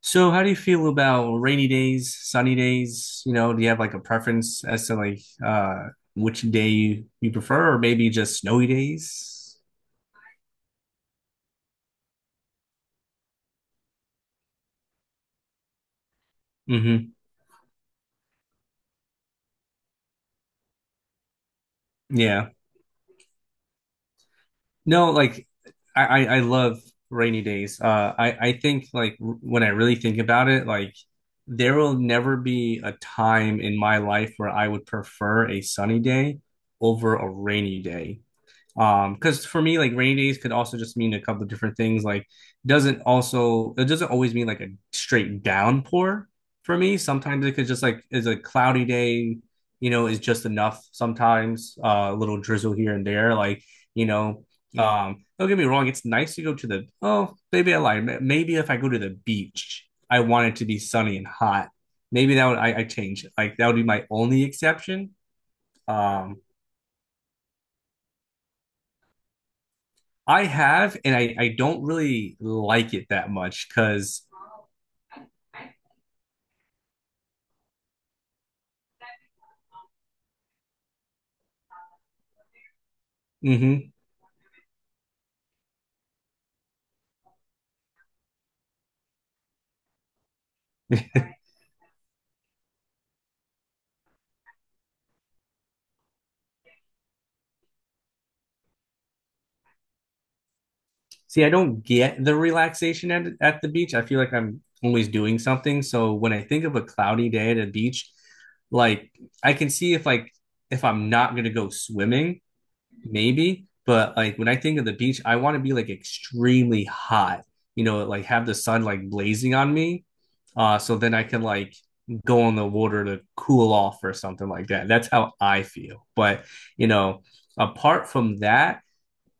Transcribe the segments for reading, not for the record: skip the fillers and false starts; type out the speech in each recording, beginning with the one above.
So, how do you feel about rainy days, sunny days? You know, do you have like a preference as to like which day you prefer, or maybe just snowy days? Mm-hmm. Yeah. No, like I love rainy days. I think like when I really think about it, like there will never be a time in my life where I would prefer a sunny day over a rainy day. Because for me, like, rainy days could also just mean a couple of different things, like doesn't also it doesn't always mean like a straight downpour. For me sometimes it could just like is a cloudy day, is just enough sometimes, a little drizzle here and there like you know Yeah. Don't get me wrong, it's nice to go to the, oh maybe I lied. Maybe if I go to the beach, I want it to be sunny and hot. Maybe that would I change it, like that would be my only exception. um I have, and I don't really like it that much because. Mm-hmm. See, I don't get the relaxation at the beach. I feel like I'm always doing something. So when I think of a cloudy day at a beach, like, I can see if, like, if I'm not gonna go swimming, maybe. But like when I think of the beach, I want to be like extremely hot, you know, like have the sun like blazing on me, so then I can like go in the water to cool off or something like that. That's how I feel. But you know, apart from that,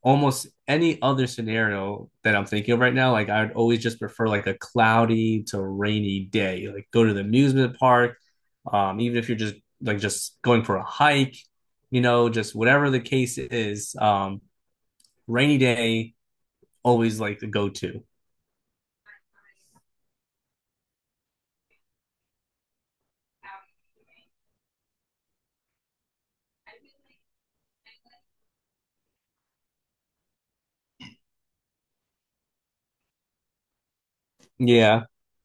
almost any other scenario that I'm thinking of right now, like I would always just prefer like a cloudy to rainy day. Like go to the amusement park, even if you're just like just going for a hike, just whatever the case is. Rainy day always like the go to. Yeah.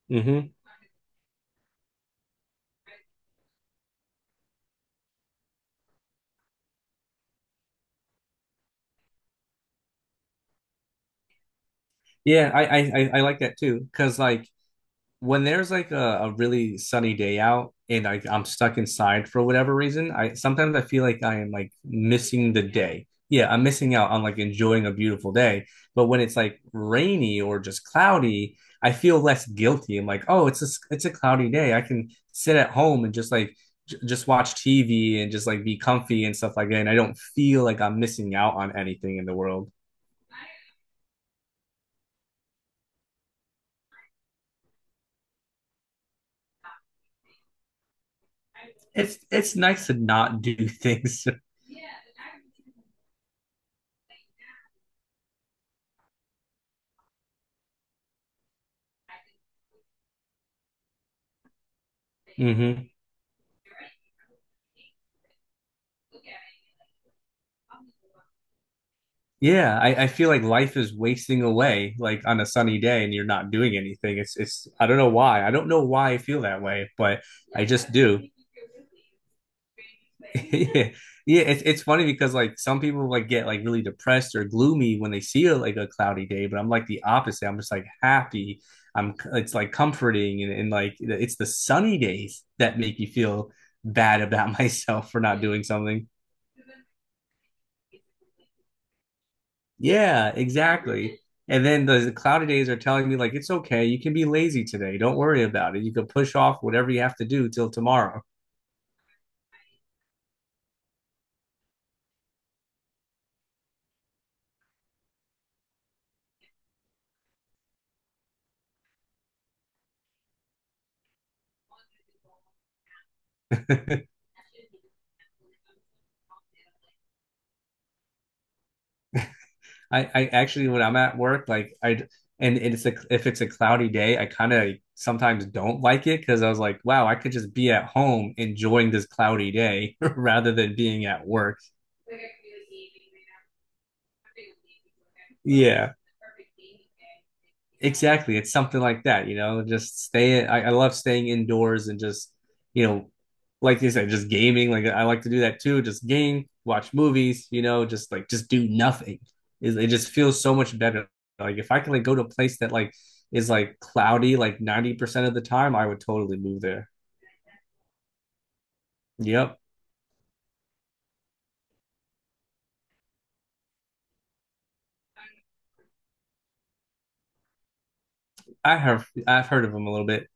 Hmm. Yeah, I like that too because like when there's like a really sunny day out, and I'm stuck inside for whatever reason, I sometimes I feel like I am like missing the day. Yeah, I'm missing out on like enjoying a beautiful day. But when it's like rainy or just cloudy, I feel less guilty. I'm like, oh, it's a it's a cloudy day. I can sit at home and just like j just watch TV and just like be comfy and stuff like that. And I don't feel like I'm missing out on anything in the world. It's nice to not do things. hmm. Yeah, I feel like life is wasting away like on a sunny day and you're not doing anything. It's I don't know why. I don't know why I feel that way, but I just do. Yeah. Yeah, it's funny because like some people like get like really depressed or gloomy when they see like a cloudy day, but I'm like the opposite. I'm just like happy. I'm It's like comforting, and like it's the sunny days that make you feel bad about myself for not doing something. Yeah, exactly. And then the cloudy days are telling me, like, it's okay. You can be lazy today. Don't worry about it. You can push off whatever you have to do till tomorrow. I actually, when I'm at work, like, and if it's a cloudy day, I kind of sometimes don't like it because I was like, wow, I could just be at home enjoying this cloudy day rather than being at work. Yeah, exactly. It's something like that, just stay. I love staying indoors and just, you know, like you said, just gaming. Like I like to do that too. Just game, watch movies, just like just do nothing. It just feels so much better. Like if I can like go to a place that like is like cloudy like 90% of the time, I would totally move there. Yep. I've heard of them a little bit.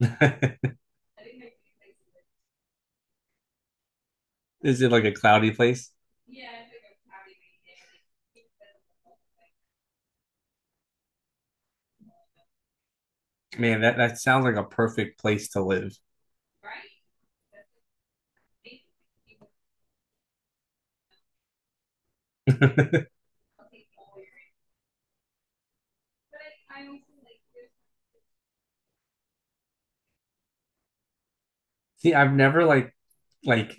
Is it like a cloudy place? Man, that sounds like a perfect place to live. See, I've never like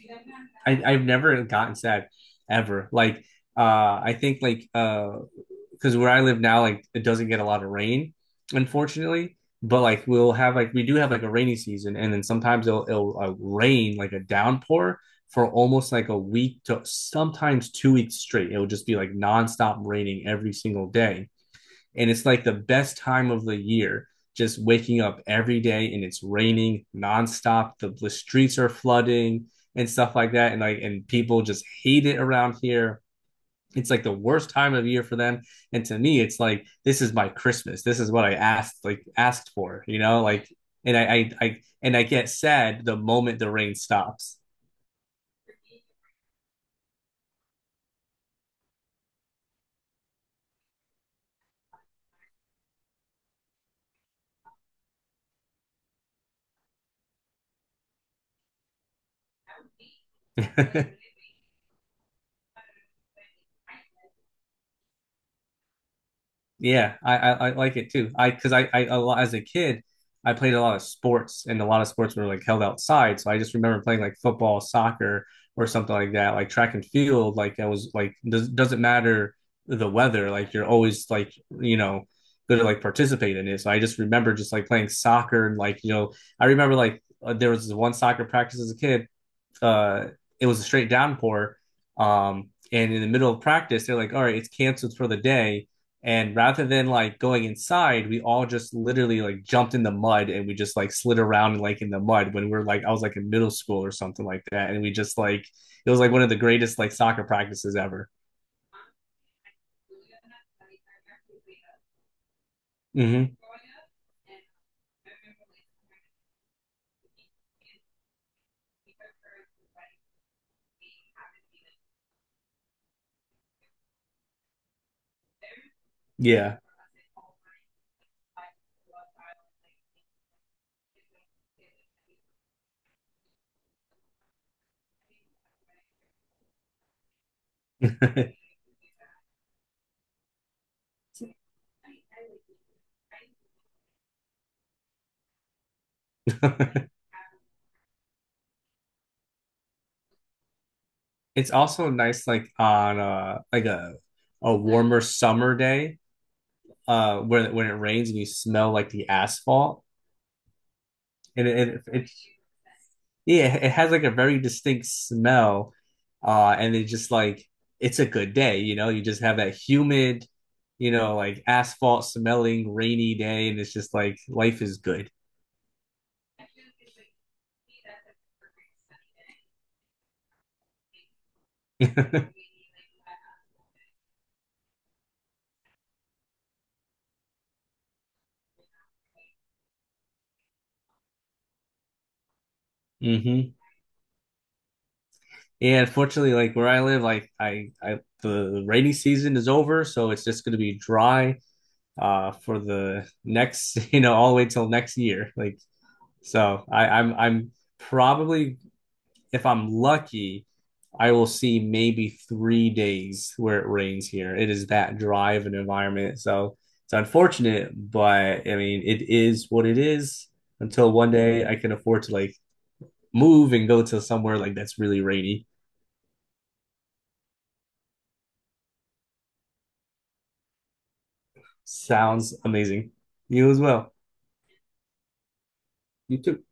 I've never gotten sad ever. Like uh I think like because where I live now, like it doesn't get a lot of rain, unfortunately. But like we'll have, like, we do have like a rainy season, and then sometimes it'll rain like a downpour for almost like a week to sometimes 2 weeks straight. It'll just be like nonstop raining every single day. And it's like the best time of the year, just waking up every day and it's raining nonstop. The streets are flooding and stuff like that, and, like, and people just hate it around here. It's like the worst time of year for them, and to me it's like, this is my Christmas. This is what I asked for. and i i, I and I get sad the moment the rain stops. Yeah, I like it too. I because I a lot as a kid, I played a lot of sports, and a lot of sports were like held outside. So I just remember playing like football, soccer, or something like that, like track and field. Like I was like, doesn't matter the weather. Like you're always like, you know good to like participate in it. So I just remember just like playing soccer and, like, I remember like, there was this one soccer practice as a kid, uh, it was a straight downpour. And in the middle of practice, they're like, all right, it's canceled for the day. And rather than like going inside, we all just literally like jumped in the mud, and we just like slid around and like in the mud, when we are like, I was like in middle school or something like that. And we just like, it was like one of the greatest like soccer practices ever. Mm-hmm. Yeah. it's also nice like on like a warmer summer day, when it rains and you smell like the asphalt. And it it's yeah, it has like a very distinct smell. And it's just like it's a good day, you know. You just have that humid, like asphalt smelling rainy day, and it's just like life is good. Mm-hmm. Yeah, unfortunately, like where I live, like I the rainy season is over, so it's just going to be dry for the next, all the way till next year. Like, so I'm probably, if I'm lucky, I will see maybe 3 days where it rains here. It is that dry of an environment. So it's unfortunate, but I mean, it is what it is until one day I can afford to like move and go to somewhere like that's really rainy. Sounds amazing. You as well. You too.